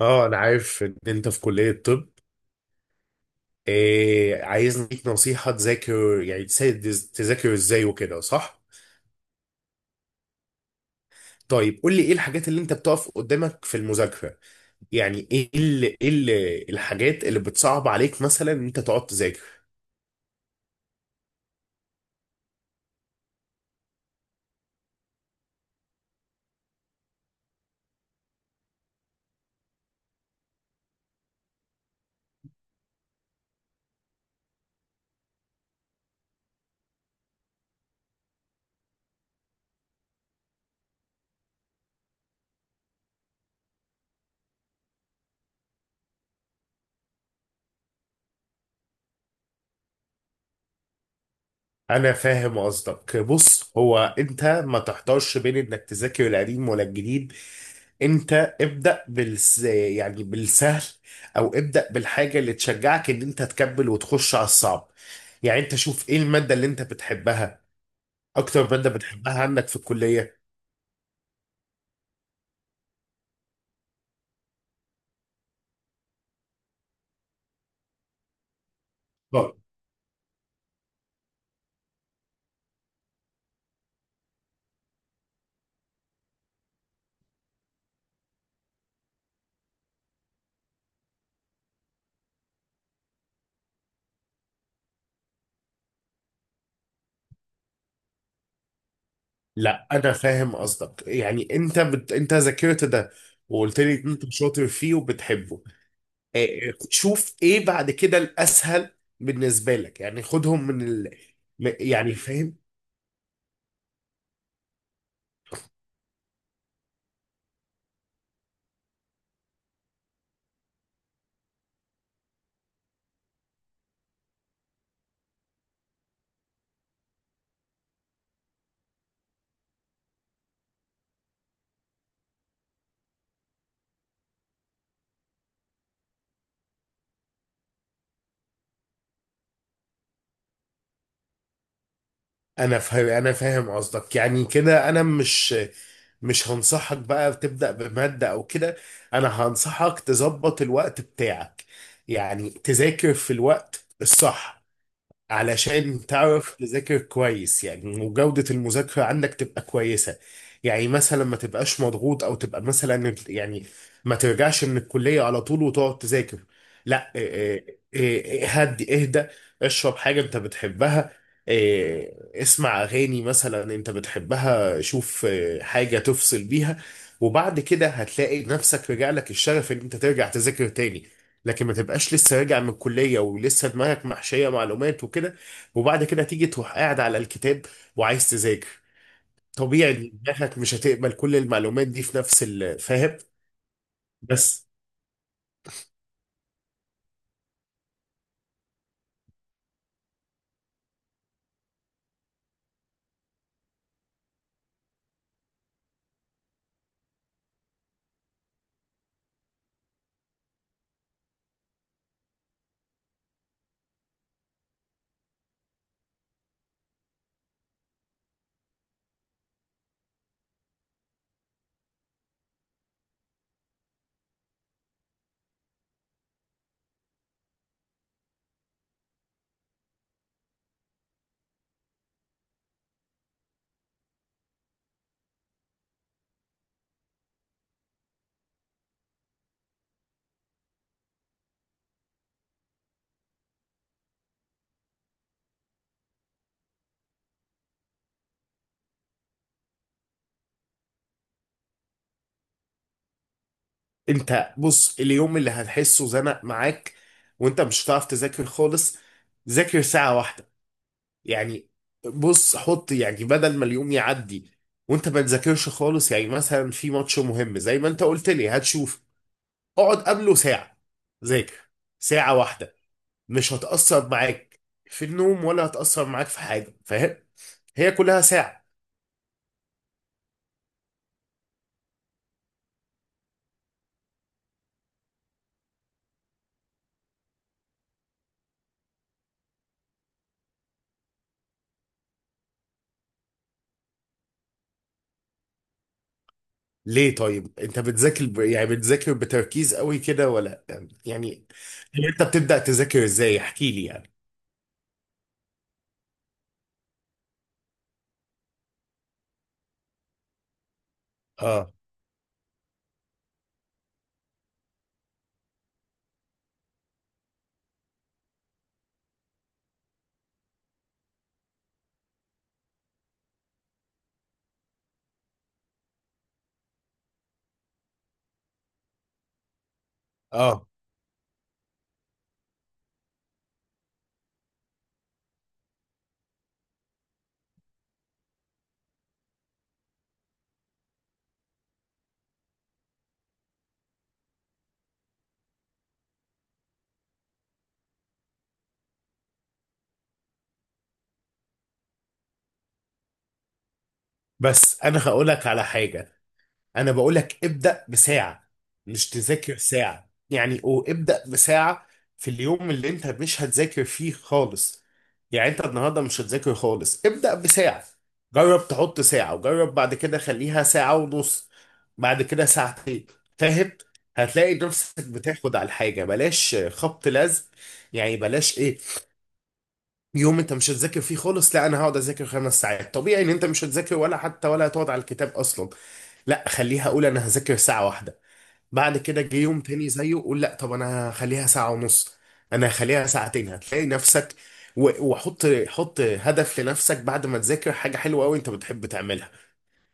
اه، انا عارف ان انت في كلية طب. إيه، عايز ليك نصيحة تذاكر يعني تساعد، تذاكر ازاي وكده صح؟ طيب قول لي ايه الحاجات اللي انت بتقف قدامك في المذاكرة؟ يعني ايه الحاجات اللي بتصعب عليك مثلا ان انت تقعد تذاكر؟ انا فاهم قصدك، بص هو انت ما تحتارش بين انك تذاكر القديم ولا الجديد. انت ابدأ يعني بالسهل، او ابدأ بالحاجة اللي تشجعك ان انت تكمل وتخش على الصعب. يعني انت شوف ايه المادة اللي انت بتحبها، اكتر مادة بتحبها عندك في الكلية. طب، لا انا فاهم قصدك، يعني انت انت ذاكرت ده وقلت لي ان انت شاطر فيه وبتحبه. تشوف ايه بعد كده الاسهل بالنسبه لك، يعني خدهم من يعني فاهم. انا فاهم قصدك، يعني كده انا مش هنصحك بقى تبدا بماده او كده، انا هنصحك تظبط الوقت بتاعك، يعني تذاكر في الوقت الصح علشان تعرف تذاكر كويس، يعني وجودة المذاكرة عندك تبقى كويسة. يعني مثلا ما تبقاش مضغوط، او تبقى مثلا يعني ما ترجعش من الكلية على طول وتقعد تذاكر. لا إيه، هدي اهدى، اشرب حاجة انت بتحبها، اسمع اغاني مثلا انت بتحبها، شوف حاجة تفصل بيها. وبعد كده هتلاقي نفسك رجع لك الشغف ان انت ترجع تذاكر تاني، لكن ما تبقاش لسه راجع من الكلية ولسه دماغك محشية معلومات وكده، وبعد كده تيجي تروح قاعد على الكتاب وعايز تذاكر. طبيعي إن دماغك مش هتقبل كل المعلومات دي في نفس الفاهم. بس انت بص، اليوم اللي هتحسه زنق معاك وانت مش هتعرف تذاكر خالص، ذاكر ساعة واحدة يعني. بص حط يعني بدل ما اليوم يعدي وانت ما تذاكرش خالص، يعني مثلا في ماتش مهم زي ما انت قلت لي هتشوف، اقعد قبله ساعة ذاكر ساعة واحدة، مش هتأثر معاك في النوم ولا هتأثر معاك في حاجة، فاهم؟ هي كلها ساعة. ليه طيب؟ انت بتذاكر يعني بتذاكر بتركيز قوي كده ولا يعني، انت بتبدأ تذاكر ازاي احكي لي يعني. اه. اه. بس انا هقولك على حاجة، انا بقول لك ابدأ بساعة، مش تذاكر ساعة يعني، او ابدأ بساعة في اليوم اللي انت مش هتذاكر فيه خالص. يعني انت النهارده مش هتذاكر خالص، ابدأ بساعة. جرب تحط ساعة، وجرب بعد كده خليها ساعة ونص، بعد كده ساعتين، فاهم؟ هتلاقي نفسك بتاخد على الحاجة، بلاش خبط لزق يعني، بلاش ايه، يوم انت مش هتذاكر فيه خالص لا انا هقعد اذاكر خمس ساعات، طبيعي ان انت مش هتذاكر ولا حتى ولا هتقعد على الكتاب اصلا. لا خليها، اقول انا هذاكر ساعة واحدة، بعد كده جه يوم تاني زيه قول لا طب انا هخليها ساعة ونص، انا هخليها ساعتين، هتلاقي نفسك. وحط هدف لنفسك بعد ما تذاكر، حاجة حلوة قوي انت بتحب تعملها.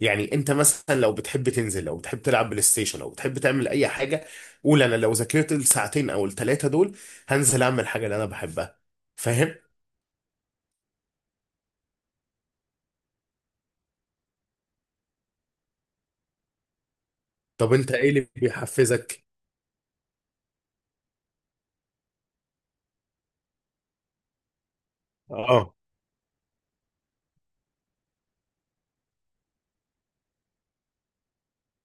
يعني انت مثلا لو بتحب تنزل، لو بتحب تلعب بلاي ستيشن، لو بتحب تعمل اي حاجة، قول انا لو ذاكرت الساعتين او الثلاثة دول هنزل اعمل حاجة اللي انا بحبها، فاهم؟ طب انت ايه اللي بيحفزك؟ اه.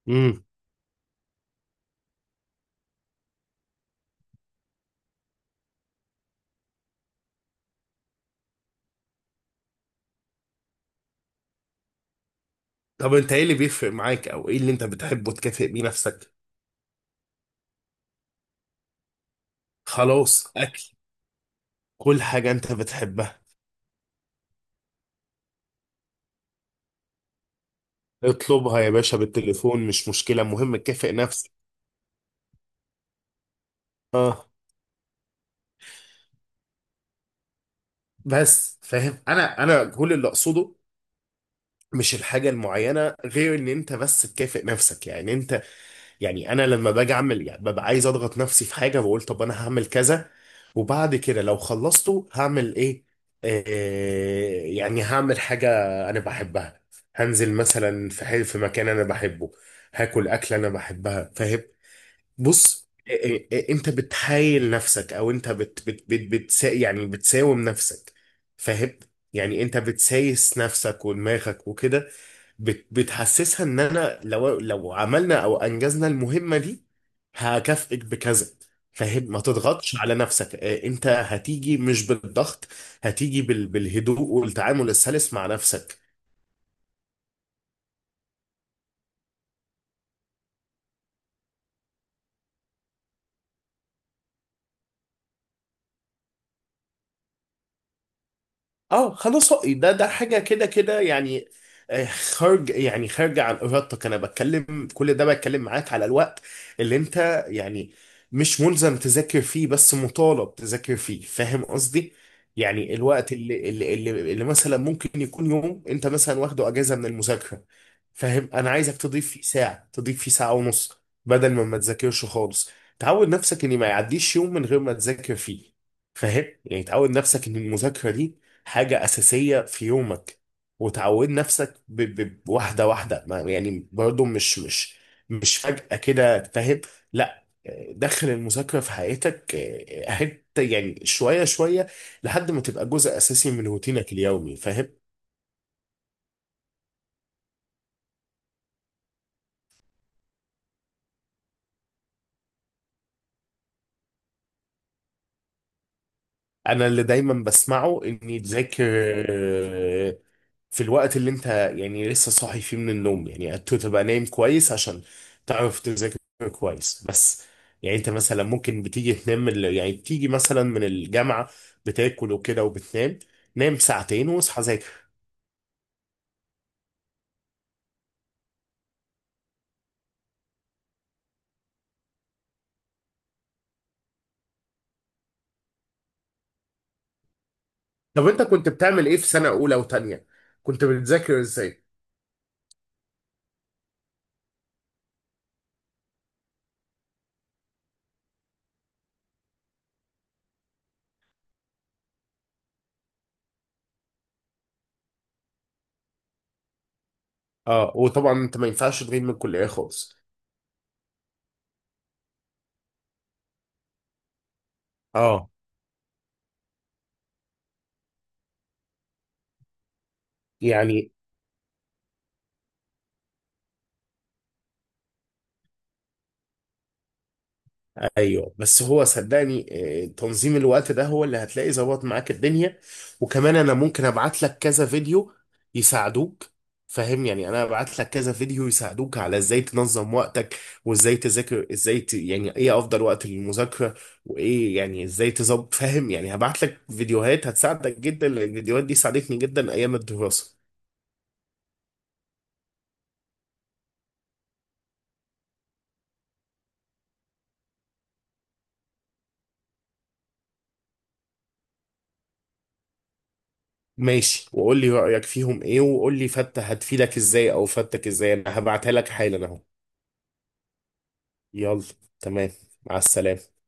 امم. طب انت ايه اللي بيفرق معاك او ايه اللي انت بتحبه تكافئ بيه نفسك؟ خلاص اكل، كل حاجة انت بتحبها. اطلبها يا باشا بالتليفون، مش مشكلة، المهم تكافئ نفسك. اه. بس فاهم، انا انا كل اللي اقصده مش الحاجة المعينة، غير ان انت بس تكافئ نفسك يعني. انت يعني انا لما باجي اعمل يعني ببقى عايز اضغط نفسي في حاجه، بقول طب انا هعمل كذا، وبعد كده لو خلصته هعمل ايه. آه، يعني هعمل حاجه انا بحبها، هنزل مثلا في في مكان انا بحبه، هاكل اكله انا بحبها، فاهم؟ بص، انت بتحايل نفسك، او انت بت بت بت بتسا يعني بتساوم نفسك، فاهم؟ يعني انت بتسايس نفسك ودماغك وكده، بتحسسها ان انا لو عملنا او انجزنا المهمه دي هكافئك بكذا. فاهم؟ ما تضغطش على نفسك. انت هتيجي مش بالضغط، هتيجي بالهدوء والتعامل السلس مع نفسك. اه خلاص، ده ده حاجه كده كده يعني. خارج يعني خارجه عن ارادتك. انا بتكلم كل ده بتكلم معاك على الوقت اللي انت يعني مش ملزم تذاكر فيه، بس مطالب تذاكر فيه، فاهم قصدي؟ يعني الوقت اللي مثلا ممكن يكون يوم انت مثلا واخده اجازه من المذاكره، فاهم؟ انا عايزك تضيف فيه ساعه، تضيف فيه ساعه ونص، بدل ما تذاكرش خالص. تعود نفسك ان ما يعديش يوم من غير ما تذاكر فيه، فاهم؟ يعني تعود نفسك ان المذاكره دي حاجة أساسية في يومك، وتعود نفسك بواحدة واحدة، يعني برضو مش فجأة كده، فاهم؟ لا، دخل المذاكرة في حياتك حتة يعني، شوية شوية، لحد ما تبقى جزء أساسي من روتينك اليومي، فاهم؟ انا اللي دايما بسمعه اني تذاكر آه، في الوقت اللي انت يعني لسه صاحي فيه من النوم، يعني انت تبقى نايم كويس عشان تعرف تذاكر كويس بس. يعني انت مثلا ممكن بتيجي تنام من يعني بتيجي مثلا من الجامعة، بتاكل وكده وبتنام، نام ساعتين واصحى ذاكر. طب انت كنت بتعمل ايه في سنة اولى وتانية، كنت بتذاكر ازاي؟ اه، وطبعا انت ما ينفعش تغيب من الكلية خالص. اه يعني ايوه. بس هو صدقني، تنظيم الوقت ده هو اللي هتلاقي ظبط معاك الدنيا. وكمان انا ممكن ابعت لك كذا فيديو يساعدوك، فاهم؟ يعني انا ابعت لك كذا فيديو يساعدوك على ازاي تنظم وقتك، وازاي تذاكر، ازاي يعني ايه افضل وقت للمذاكره، وايه يعني ازاي تظبط، فاهم؟ يعني هبعت لك فيديوهات هتساعدك جدا، لان الفيديوهات دي ساعدتني جدا ايام الدراسه. ماشي، وقول لي رايك فيهم ايه، وقول لي فتة هتفيدك ازاي او فتك ازاي، انا هبعتها لك حالا اهو. يلا، تمام، مع السلامة.